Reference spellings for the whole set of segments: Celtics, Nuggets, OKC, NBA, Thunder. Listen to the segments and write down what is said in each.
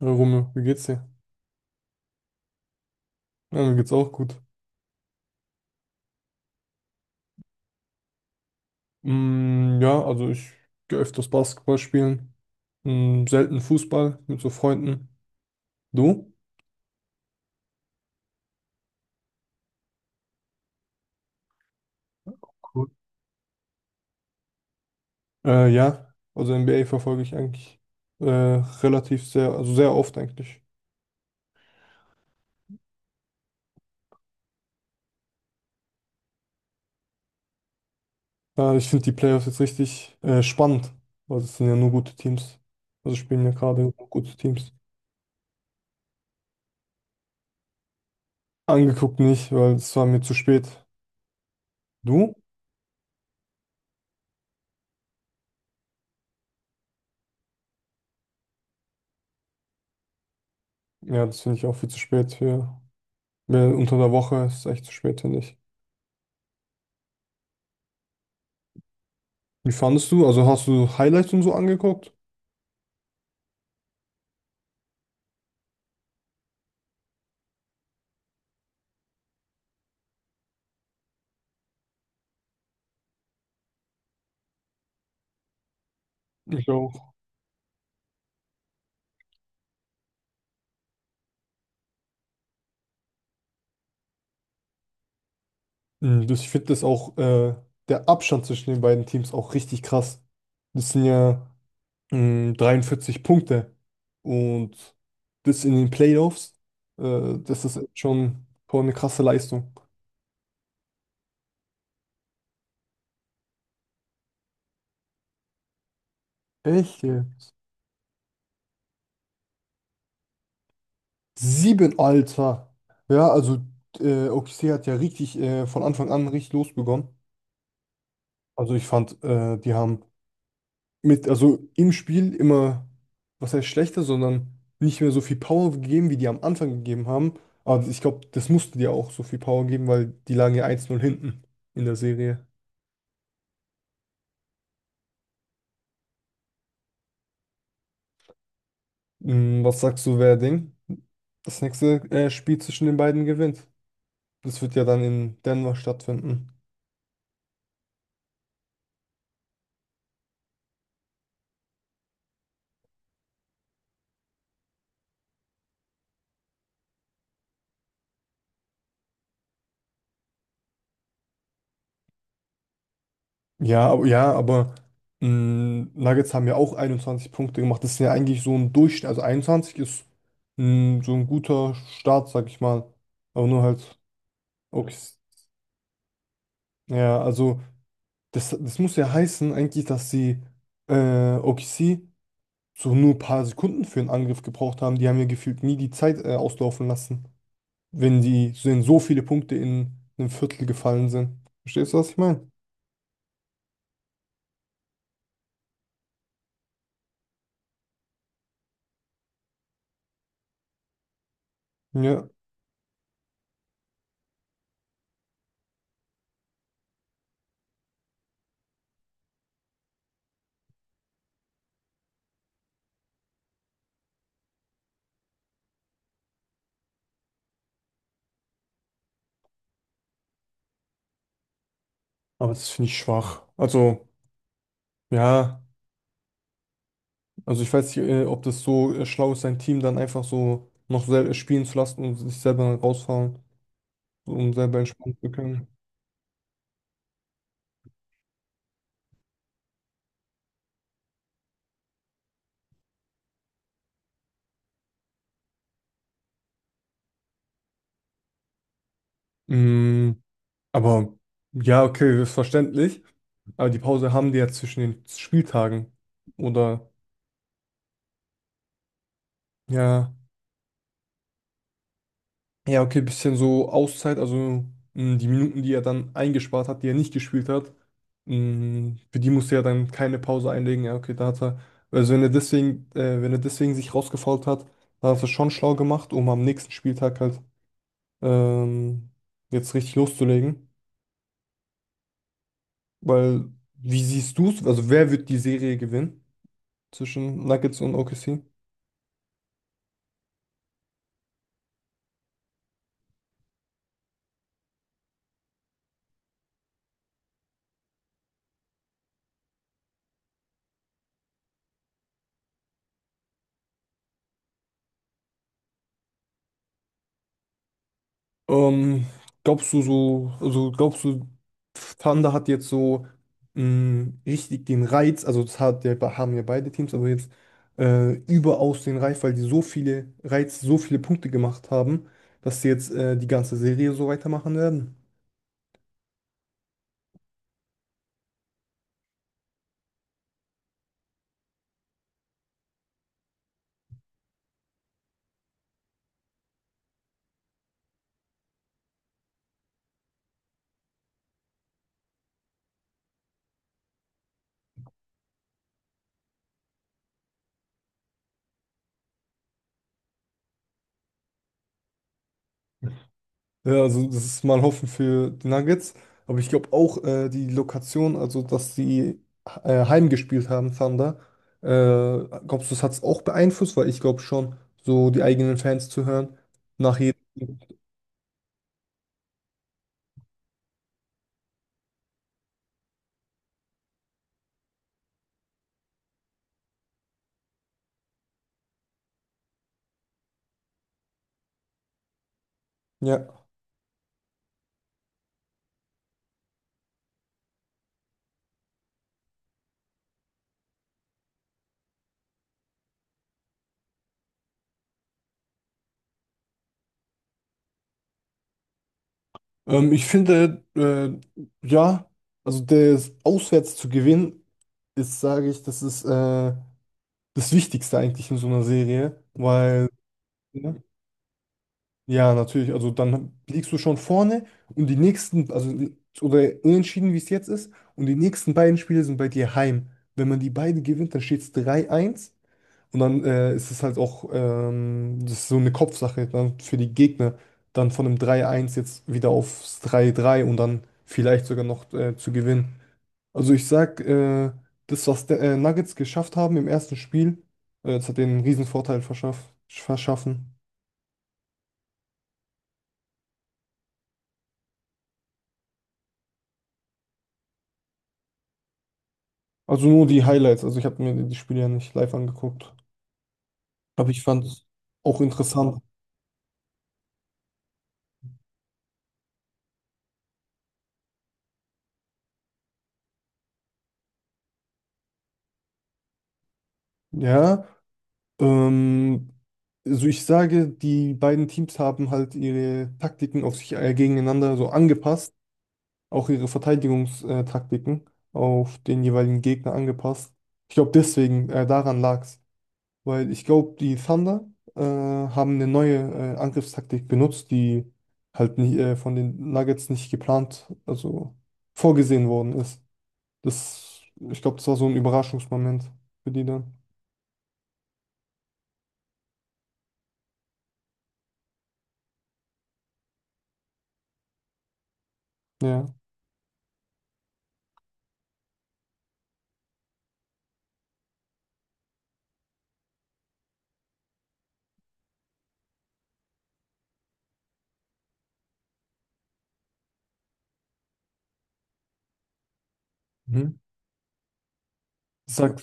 Ja, Rumme, wie geht's dir? Ja, mir geht's auch gut. Ja, also ich gehe öfters Basketball spielen. Selten Fußball mit so Freunden. Du? Cool. Ja, also NBA verfolge ich eigentlich relativ sehr, also sehr oft eigentlich. Ja, ich finde die Playoffs jetzt richtig spannend, weil es sind ja nur gute Teams. Also spielen ja gerade nur gute Teams. Angeguckt nicht, weil es war mir zu spät. Du? Ja, das finde ich auch viel zu spät. Für, mehr unter der Woche ist es echt zu spät, finde ich. Wie fandest du? Also hast du Highlights und so angeguckt? Ich auch. Mhm. Das, ich finde das auch, der Abstand zwischen den beiden Teams auch richtig krass. Das sind ja 43 Punkte. Und das in den Playoffs, das ist schon, schon eine krasse Leistung. Echt? Ja. Sieben, Alter. Ja, also OKC hat ja richtig von Anfang an richtig losbegonnen. Also ich fand, die haben mit, also im Spiel immer, was heißt schlechter, sondern nicht mehr so viel Power gegeben, wie die am Anfang gegeben haben. Aber ich glaube, das musste dir auch so viel Power geben, weil die lagen ja 1-0 hinten in der Serie. Hm, was sagst du, wer Ding das nächste Spiel zwischen den beiden gewinnt? Das wird ja dann in Denver stattfinden. Ja, aber Nuggets haben ja auch 21 Punkte gemacht. Das ist ja eigentlich so ein Durchschnitt. Also 21 ist so ein guter Start, sag ich mal. Aber nur halt, okay. Ja, also das, das muss ja heißen eigentlich, dass sie OKC so nur ein paar Sekunden für einen Angriff gebraucht haben. Die haben ja gefühlt nie die Zeit auslaufen lassen, wenn die wenn so viele Punkte in einem Viertel gefallen sind. Verstehst du, was ich meine? Ja, aber das finde ich schwach. Also, ja, also ich weiß nicht, ob das so schlau ist, sein Team dann einfach so noch selber spielen zu lassen und sich selber dann rausfahren, um selber entspannen zu können. Mm, aber ja, okay, ist verständlich. Aber die Pause haben die ja zwischen den Spieltagen. Oder ja, ja, okay, bisschen so Auszeit, also die Minuten, die er dann eingespart hat, die er nicht gespielt hat, für die musste er dann keine Pause einlegen. Ja, okay, da hat er, also wenn er deswegen, wenn er deswegen sich rausgefault hat, dann hat er es schon schlau gemacht, um am nächsten Spieltag halt ähm, jetzt richtig loszulegen. Weil, wie siehst du es? Also wer wird die Serie gewinnen zwischen Nuggets und OKC? Ähm, glaubst du so, also glaubst du, Thunder hat jetzt so richtig den Reiz, also das hat, haben ja beide Teams, aber jetzt überaus den Reiz, weil die so viele Reiz, so viele Punkte gemacht haben, dass sie jetzt die ganze Serie so weitermachen werden? Ja, also das ist mal Hoffen für die Nuggets, aber ich glaube auch die Lokation, also dass sie heimgespielt haben, Thunder, äh, glaubst du, das hat es auch beeinflusst, weil ich glaube schon, so die eigenen Fans zu hören nach ja, ich finde, ja, also das auswärts zu gewinnen, ist, sage ich, das ist das Wichtigste eigentlich in so einer Serie, weil, ne? Ja, natürlich, also dann liegst du schon vorne und die nächsten, also oder unentschieden, wie es jetzt ist, und die nächsten beiden Spiele sind bei dir heim. Wenn man die beiden gewinnt, dann steht es 3-1. Und dann ist es halt auch das ist so eine Kopfsache dann für die Gegner, dann von einem 3-1 jetzt wieder aufs 3-3 und dann vielleicht sogar noch zu gewinnen. Also ich sag, das, was der, Nuggets geschafft haben im ersten Spiel, das hat denen einen riesen Vorteil verschaffen. Also nur die Highlights, also ich habe mir die Spiele ja nicht live angeguckt. Aber ich fand es auch interessant. Ja. Ähm, also ich sage, die beiden Teams haben halt ihre Taktiken auf sich gegeneinander so angepasst, auch ihre Verteidigungstaktiken auf den jeweiligen Gegner angepasst. Ich glaube, deswegen daran lag's, weil ich glaube, die Thunder haben eine neue Angriffstaktik benutzt, die halt nicht, von den Nuggets nicht geplant, also vorgesehen worden ist. Das, ich glaube, das war so ein Überraschungsmoment für die dann. Ja. Mhm. Sag,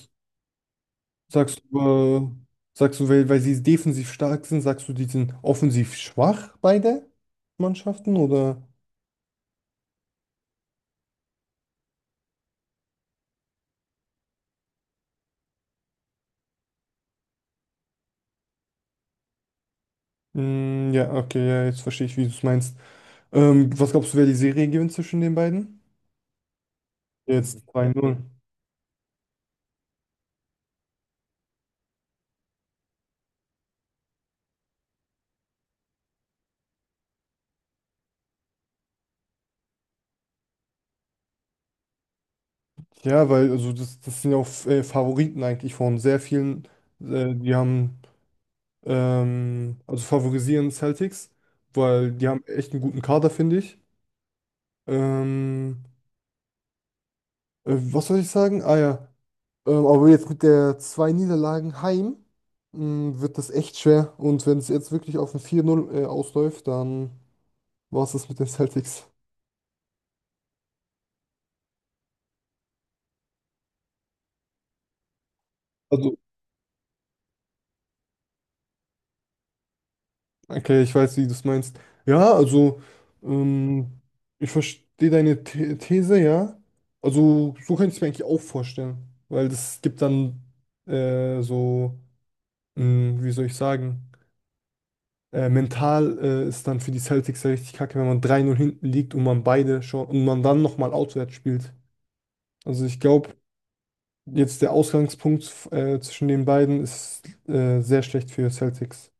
sagst du, äh, sagst du, weil, weil sie defensiv stark sind, sagst du, die sind offensiv schwach, beide Mannschaften? Oder? Ja, okay, ja, jetzt verstehe ich, wie du es meinst. Was glaubst du, wer die Serie gewinnt zwischen den beiden? Jetzt zwei null. Ja, weil also das, das sind ja auch Favoriten eigentlich von sehr vielen. Die haben, also favorisieren Celtics, weil die haben echt einen guten Kader, finde ich. Ähm, was soll ich sagen? Ah ja, aber jetzt mit der zwei Niederlagen heim wird das echt schwer. Und wenn es jetzt wirklich auf ein 4-0 ausläuft, dann war es das mit den Celtics. Also, okay, ich weiß, wie du es meinst. Ja, also, ähm, ich verstehe deine These, ja. Also, so könnte ich es mir eigentlich auch vorstellen. Weil das gibt dann so, wie soll ich sagen, mental ist dann für die Celtics ja richtig kacke, wenn man 3-0 hinten liegt und man beide schon und man dann nochmal auswärts spielt. Also ich glaube, jetzt der Ausgangspunkt zwischen den beiden ist sehr schlecht für Celtics.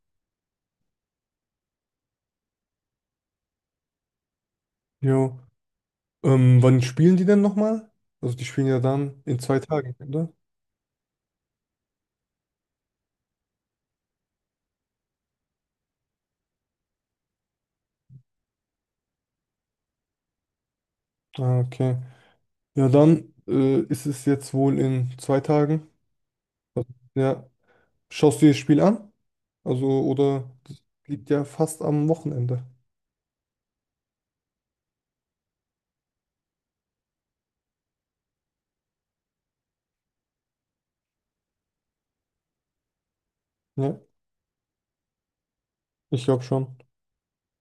Jo. Wann spielen die denn nochmal? Also die spielen ja dann in zwei Tagen, oder? Ah, okay. Ja, dann ist es jetzt wohl in zwei Tagen. Ja. Schaust du dir das Spiel an? Also, oder das liegt ja fast am Wochenende. Ja, ich glaube schon.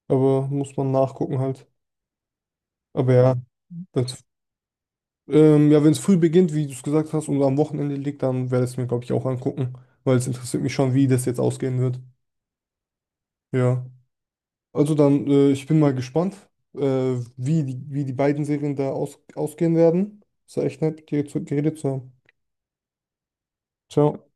Aber muss man nachgucken halt. Aber wenn ja, wenn es früh beginnt, wie du es gesagt hast, und am Wochenende liegt, dann werde ich es mir, glaube ich, auch angucken, weil es interessiert mich schon, wie das jetzt ausgehen wird. Ja. Also dann, ich bin mal gespannt, äh, wie die beiden Serien da aus, ausgehen werden. Es war echt nett, mit dir zu, geredet zu haben. Ciao.